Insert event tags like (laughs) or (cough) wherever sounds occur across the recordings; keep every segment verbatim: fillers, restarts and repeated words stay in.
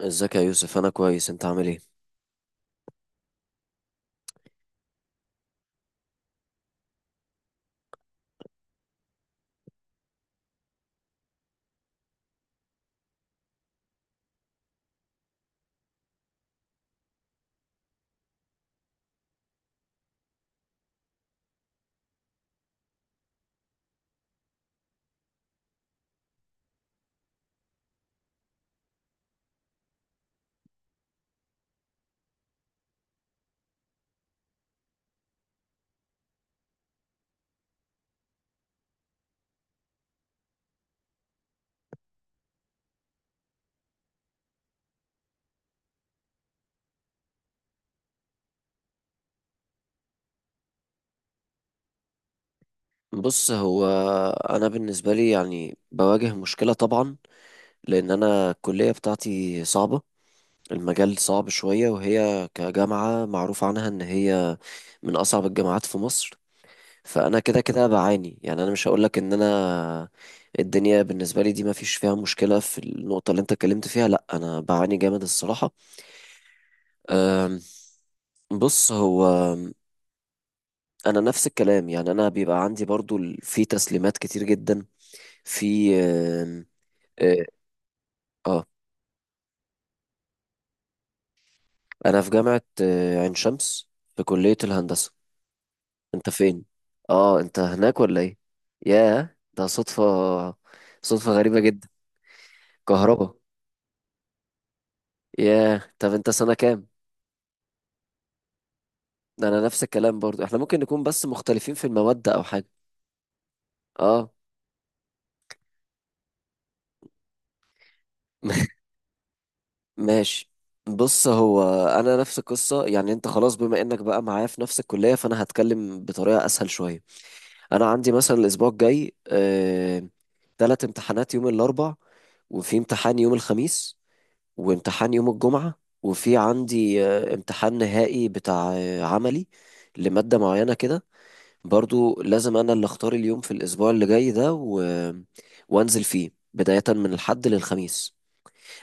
ازيك يا يوسف؟ انا كويس، انت عامل ايه؟ بص، هو انا بالنسبه لي يعني بواجه مشكله طبعا، لان انا الكليه بتاعتي صعبه. المجال صعب شويه، وهي كجامعه معروف عنها ان هي من اصعب الجامعات في مصر. فانا كده كده بعاني، يعني انا مش هقولك ان انا الدنيا بالنسبه لي دي ما فيش فيها مشكله في النقطه اللي انت اتكلمت فيها. لا، انا بعاني جامد الصراحه. أم، بص، هو انا نفس الكلام. يعني انا بيبقى عندي برضو ال- في تسليمات كتير جدا، في آم، اه. آه. انا في جامعة آه، عين شمس، في كلية الهندسة. انت فين؟ اه، انت هناك ولا ايه؟ ياه، ده صدفة. صدفة غريبة جدا. كهربا. ياه، طب انت سنة كام؟ ده انا نفس الكلام برضو، احنا ممكن نكون بس مختلفين في المواد او حاجة. اه. (laughs) ماشي. بص، هو انا نفس القصه. يعني انت خلاص بما انك بقى معايا في نفس الكليه، فانا هتكلم بطريقه اسهل شويه. انا عندي مثلا الاسبوع الجاي آه، تلات امتحانات يوم الاربع، وفي امتحان يوم الخميس، وامتحان يوم الجمعه، وفي عندي آه، امتحان نهائي بتاع آه، عملي لماده معينه كده. برضو لازم انا اللي اختار اليوم في الاسبوع اللي جاي ده و... وانزل فيه بدايه من الحد للخميس.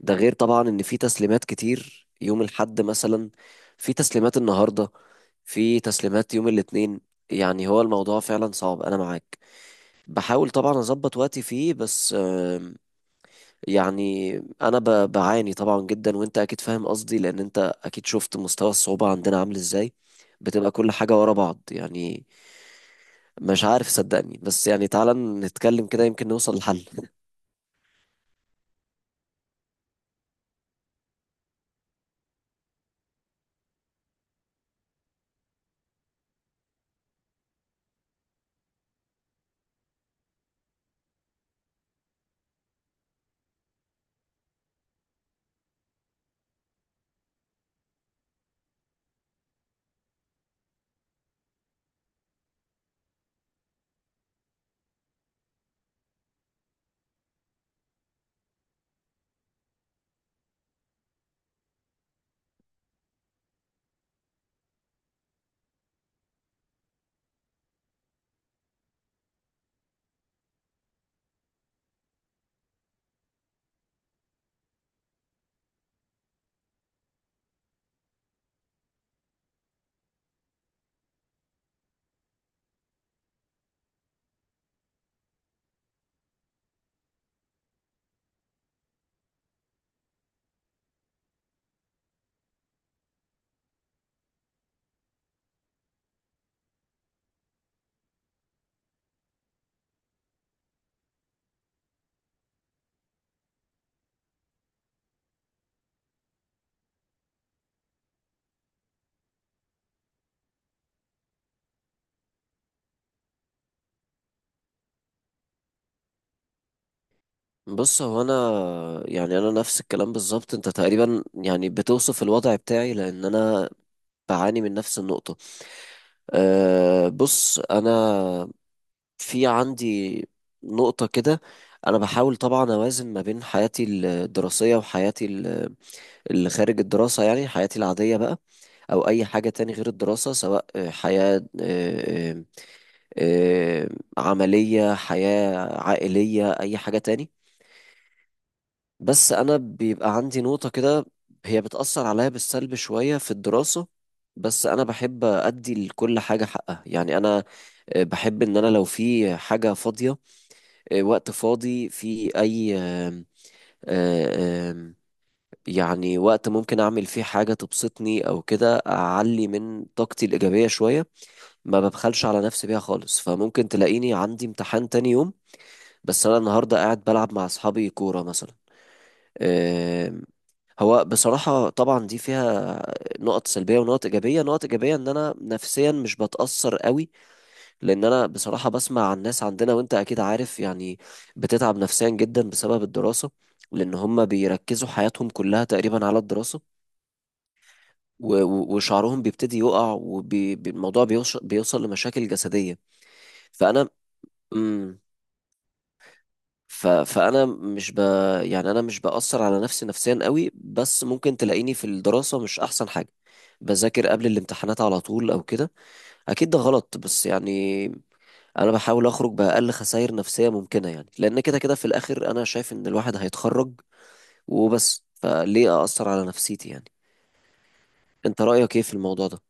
ده غير طبعا ان في تسليمات كتير يوم الاحد مثلا، في تسليمات النهارده، في تسليمات يوم الاثنين. يعني هو الموضوع فعلا صعب، انا معاك. بحاول طبعا اظبط وقتي فيه بس آم، يعني انا ب- بعاني طبعا جدا، وانت اكيد فاهم قصدي، لان انت اكيد شفت مستوى الصعوبة عندنا عامل ازاي. بتبقى كل حاجة ورا بعض يعني. مش عارف صدقني، بس يعني تعالى نتكلم كده، يمكن نوصل لحل. بص، هو انا يعني انا نفس الكلام بالظبط. انت تقريبا يعني بتوصف الوضع بتاعي، لان انا بعاني من نفس النقطة. أه بص، انا في عندي نقطة كده. انا بحاول طبعا اوازن ما بين حياتي الدراسية وحياتي ال- اللي خارج الدراسة، يعني حياتي العادية بقى، او اي حاجة تاني غير الدراسة، سواء آه، حياة آه، آه، آه، عملية، حياة عائلية، اي حاجة تاني. بس انا بيبقى عندي نقطة كده، هي بتأثر عليا بالسلب شوية في الدراسة. بس انا بحب ادي لكل حاجة حقها، يعني انا آه، بحب ان انا لو في حاجة فاضية، آه، وقت فاضي في اي آم، آه، آم، يعني وقت ممكن اعمل فيه حاجة تبسطني او كده، اعلي من طاقتي الإيجابية شوية. ما ببخلش على نفسي بيها خالص، فممكن تلاقيني عندي امتحان تاني يوم، بس انا النهاردة قاعد بلعب مع اصحابي كورة مثلا. هو بصراحة طبعا دي فيها نقط سلبية ونقط إيجابية. نقط إيجابية إن أنا نفسيا مش بتأثر قوي، لأن أنا بصراحة بسمع عن ناس عندنا وأنت أكيد عارف، يعني بتتعب نفسيا جدا بسبب الدراسة، لأن هم بيركزوا حياتهم كلها تقريبا على الدراسة، و- و- وشعرهم بيبتدي يقع، والموضوع بيوصل لمشاكل جسدية. فأنا ف... فانا مش ب... يعني انا مش باثر على نفسي نفسيا قوي، بس ممكن تلاقيني في الدراسه مش احسن حاجه، بذاكر قبل الامتحانات على طول او كده. اكيد ده غلط، بس يعني انا بحاول اخرج باقل خسائر نفسيه ممكنه، يعني لان كده كده في الاخر انا شايف ان الواحد هيتخرج وبس، فليه اثر على نفسيتي يعني؟ انت رايك ايه في الموضوع ده؟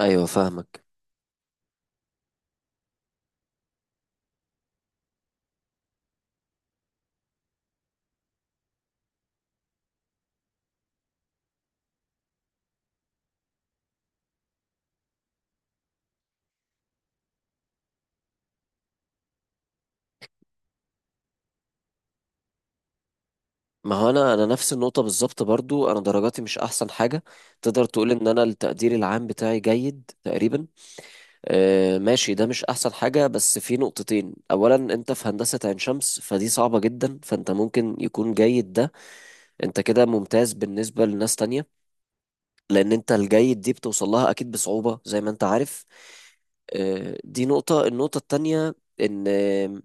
ايوه، فاهمك. ما هو انا انا نفس النقطه بالظبط، برضو انا درجاتي مش احسن حاجه. تقدر تقول ان انا التقدير العام بتاعي جيد تقريبا. آه، ماشي، ده مش احسن حاجة، بس في نقطتين. اولا، انت في هندسة عين شمس فدي صعبة جدا، فانت ممكن يكون جيد ده، انت كده ممتاز بالنسبة لناس تانية، لان انت الجيد دي بتوصل لها اكيد بصعوبة زي ما انت عارف. آه، دي نقطة. النقطة التانية ان آه،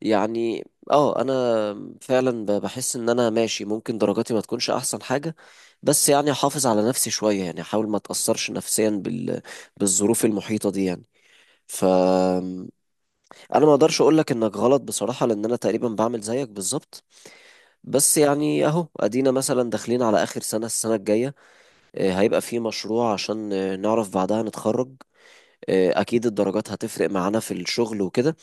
يعني اه انا فعلا ب- بحس ان انا ماشي، ممكن درجاتي ما تكونش احسن حاجة، بس يعني احافظ على نفسي شوية، يعني احاول ما اتأثرش نفسيا بال... بالظروف المحيطة دي يعني. ف انا ما اقدرش اقول لك انك غلط بصراحة، لان انا تقريبا بعمل زيك بالظبط. بس يعني اهو ادينا مثلا داخلين على اخر سنة، السنة الجاية آه، هيبقى في مشروع، عشان آه، نعرف بعدها نتخرج. آه، اكيد الدرجات هتفرق معانا في الشغل وكده،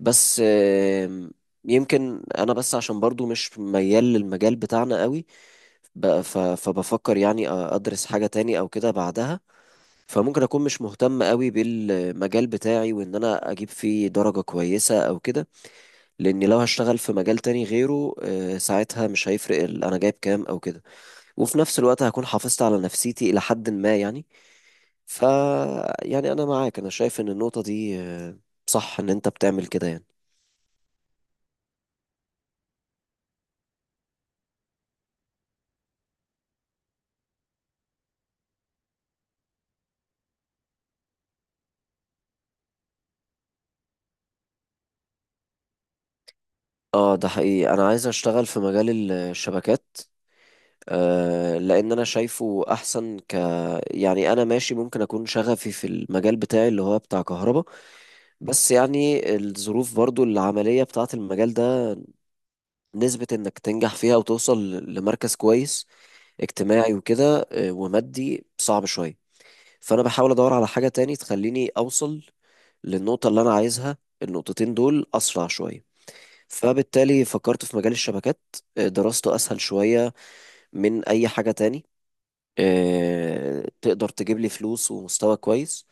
بس آه، يمكن انا بس عشان برضو مش ميال للمجال بتاعنا قوي، ب- ف- فبفكر يعني ادرس حاجة تاني او كده بعدها. فممكن اكون مش مهتم قوي بالمجال بتاعي، وان انا اجيب فيه درجة كويسة او كده، لاني لو هشتغل في مجال تاني غيره آه، ساعتها مش هيفرق ال- انا جايب كام او كده. وفي نفس الوقت هكون حافظت على نفسيتي الى حد ما يعني. ف يعني انا معاك، انا شايف ان النقطة دي آه، صح ان انت بتعمل كده يعني. اه، ده حقيقي، انا عايز اشتغل في مجال الشبكات. آه لان انا شايفه احسن ك يعني انا ماشي ممكن اكون شغفي في المجال بتاعي اللي هو بتاع كهرباء، بس يعني الظروف برضو العملية بتاعت المجال ده، نسبة انك تنجح فيها وتوصل ل- لمركز كويس اجتماعي وكده، آه، ومادي، صعب شوية. فانا بحاول ادور على حاجة تاني تخليني اوصل للنقطة اللي انا عايزها، النقطتين دول اسرع شوية. فبالتالي فكرت في مجال الشبكات. آه، دراسته اسهل شوية من اي حاجة تاني، آه، تقدر تجيب لي فلوس ومستوى كويس.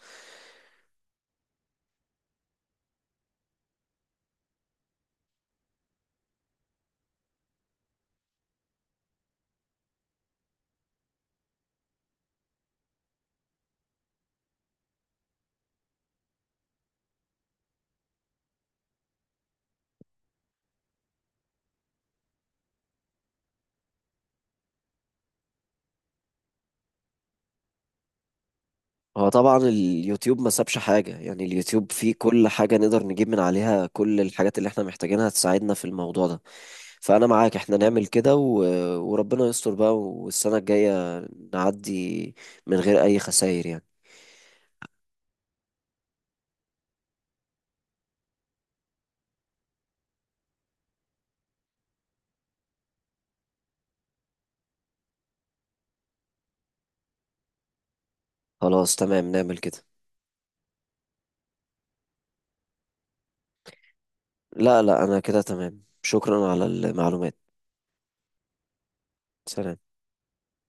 هو طبعا اليوتيوب ما سابش حاجة، يعني اليوتيوب فيه كل حاجة، نقدر نجيب من عليها كل الحاجات اللي احنا محتاجينها تساعدنا في الموضوع ده. فأنا معاك، احنا نعمل كده و... وربنا يستر بقى، والسنة الجاية نعدي من غير أي خسائر يعني. خلاص، تمام، نعمل كده. لا، لا، أنا كده تمام. شكرا على المعلومات. سلام.